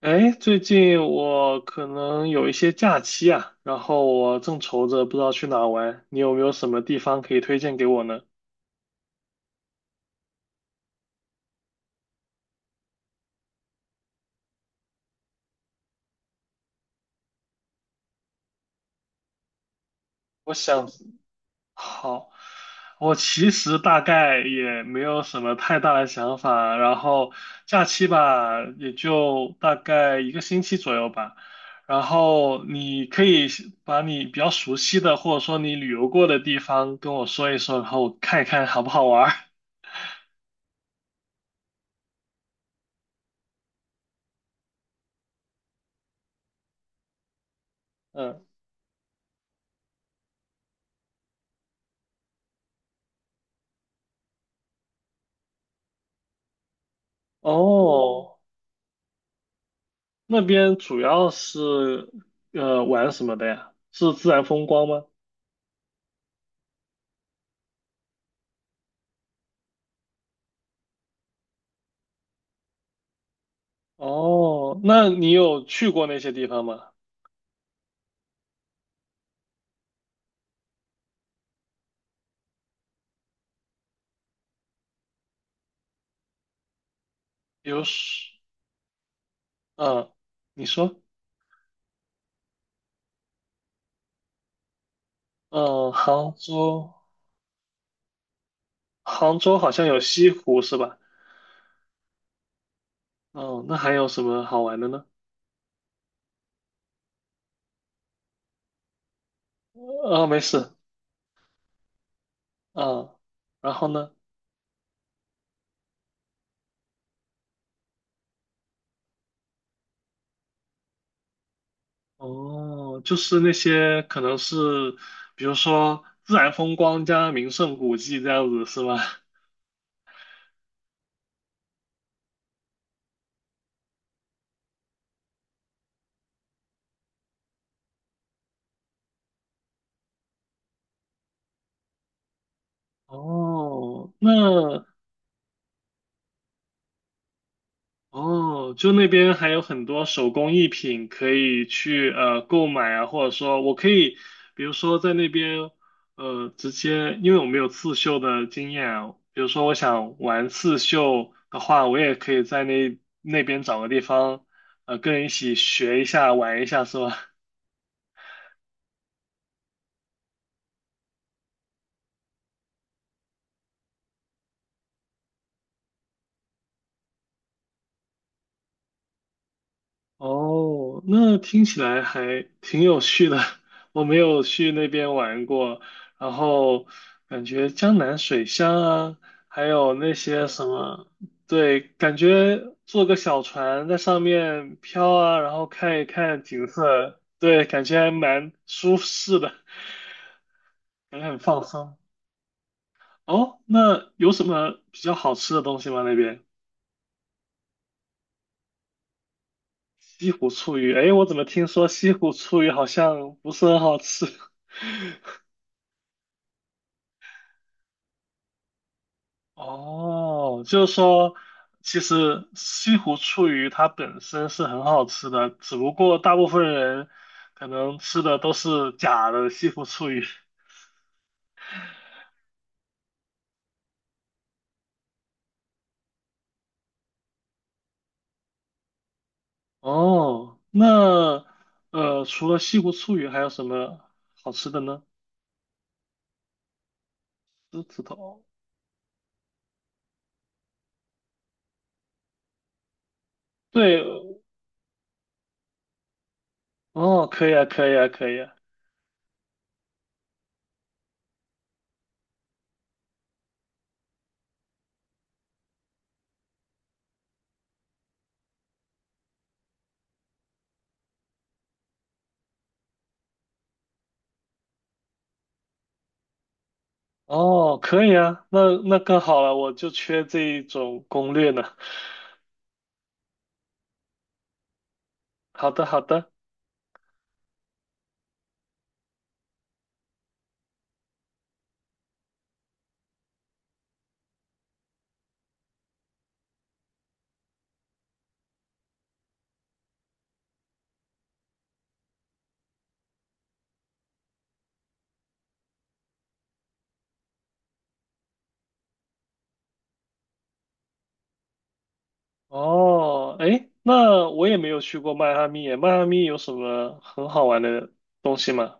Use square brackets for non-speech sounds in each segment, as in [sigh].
哎，最近我可能有一些假期啊，然后我正愁着不知道去哪玩，你有没有什么地方可以推荐给我呢？我想，好，我其实大概也没有什么太大的想法，然后假期吧，也就大概一个星期左右吧。然后你可以把你比较熟悉的，或者说你旅游过的地方跟我说一说，然后我看一看好不好玩儿。嗯，哦。那边主要是玩什么的呀？是自然风光吗？哦，那你有去过那些地方吗？比如说，嗯，你说，嗯，杭州，杭州好像有西湖是吧？哦，那还有什么好玩的呢？啊，没事，啊，然后呢？哦，就是那些可能是，比如说自然风光加名胜古迹这样子是吧？哦，那哦，就那边还有很多手工艺品可以去购买啊，或者说我可以，比如说在那边直接，因为我没有刺绣的经验啊，比如说我想玩刺绣的话，我也可以在那边找个地方，呃，跟人一起学一下，玩一下，是吧？哦，那听起来还挺有趣的。[laughs] 我没有去那边玩过，然后感觉江南水乡啊，还有那些什么，对，感觉坐个小船在上面飘啊，然后看一看景色，对，感觉还蛮舒适的，感觉很放松。哦，那有什么比较好吃的东西吗？那边西湖醋鱼，哎，我怎么听说西湖醋鱼好像不是很好吃？[laughs] 哦，就是说，其实西湖醋鱼它本身是很好吃的，只不过大部分人可能吃的都是假的西湖醋鱼。哦，那呃，除了西湖醋鱼，还有什么好吃的呢？狮子头。对，哦，可以啊，可以啊，可以啊。哦，可以啊，那那更好了，我就缺这一种攻略呢。[laughs] 好的，好的。哦，哎，那我也没有去过迈阿密耶迈阿密有什么很好玩的东西吗？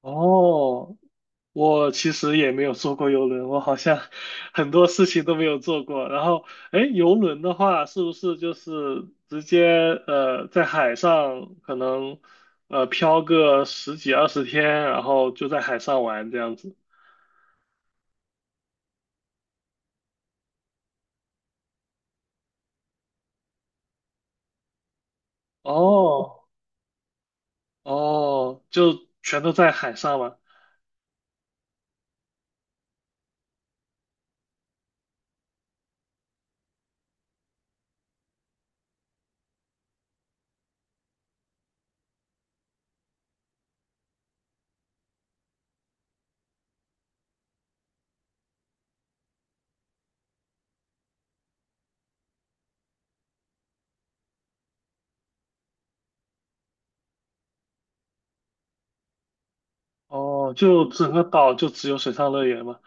哦，我其实也没有坐过游轮，我好像 [laughs] 很多事情都没有做过。然后，哎，游轮的话，是不是就是直接在海上可能漂个十几二十天，然后就在海上玩这样子？哦哦，就全都在海上嘛？哦，就整个岛就只有水上乐园吗？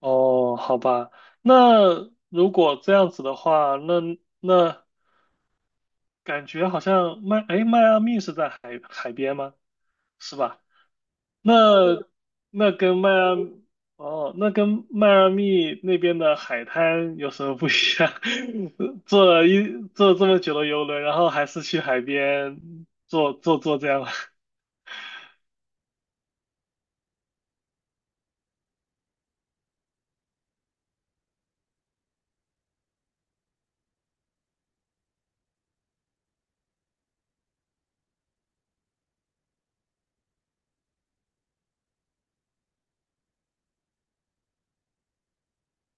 哦，好吧，那如果这样子的话，那那感觉好像迈，哎，迈阿密是在海海边吗？是吧？那那跟迈阿，哦，那跟迈阿密那边的海滩有什么不一样？[laughs] 坐了一坐这么久的游轮，然后还是去海边坐坐这样。[laughs]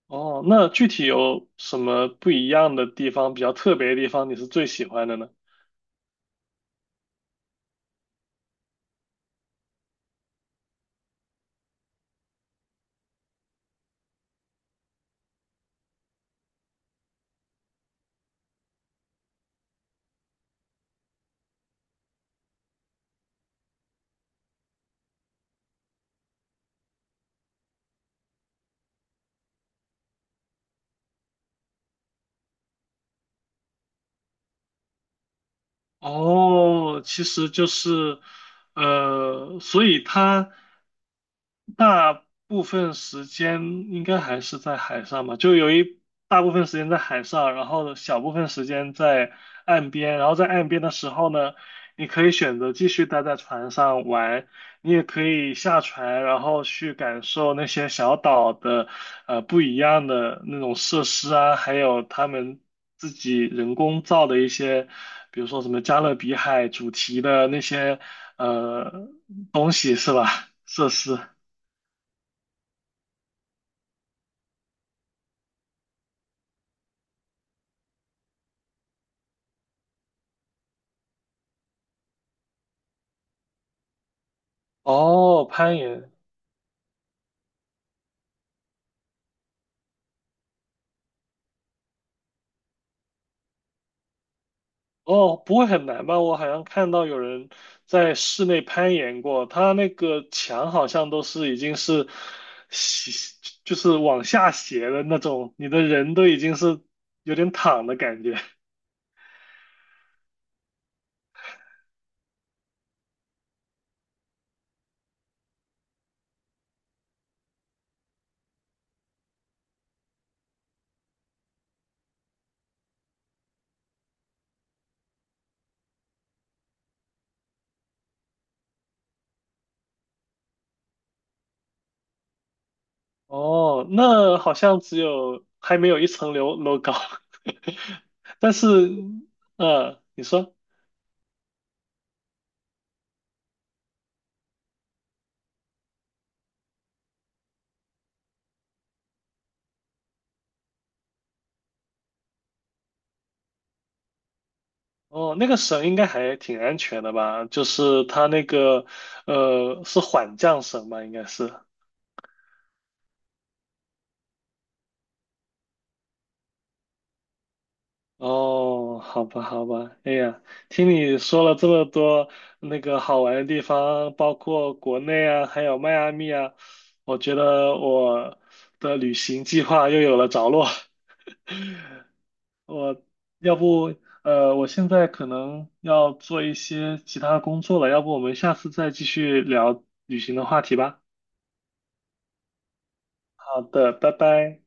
哦，那具体有什么不一样的地方，比较特别的地方，你是最喜欢的呢？哦，其实就是，呃，所以他。大部分时间应该还是在海上吧，就有一大部分时间在海上，然后小部分时间在岸边，然后在岸边的时候呢，你可以选择继续待在船上玩，你也可以下船，然后去感受那些小岛的不一样的那种设施啊，还有他们自己人工造的一些，比如说什么加勒比海主题的那些呃东西是吧？设施。哦，攀岩，哦，不会很难吧？我好像看到有人在室内攀岩过，他那个墙好像都是已经是斜，就是往下斜的那种，你的人都已经是有点躺的感觉。哦，那好像只有还没有一层楼楼高，[laughs] 但是，呃，你说。哦，那个绳应该还挺安全的吧？就是它那个，呃，是缓降绳吧？应该是。哦，好吧，好吧，哎呀，听你说了这么多那个好玩的地方，包括国内啊，还有迈阿密啊，我觉得我的旅行计划又有了着落。我要不，呃，我现在可能要做一些其他的工作了，要不我们下次再继续聊旅行的话题吧。好的，拜拜。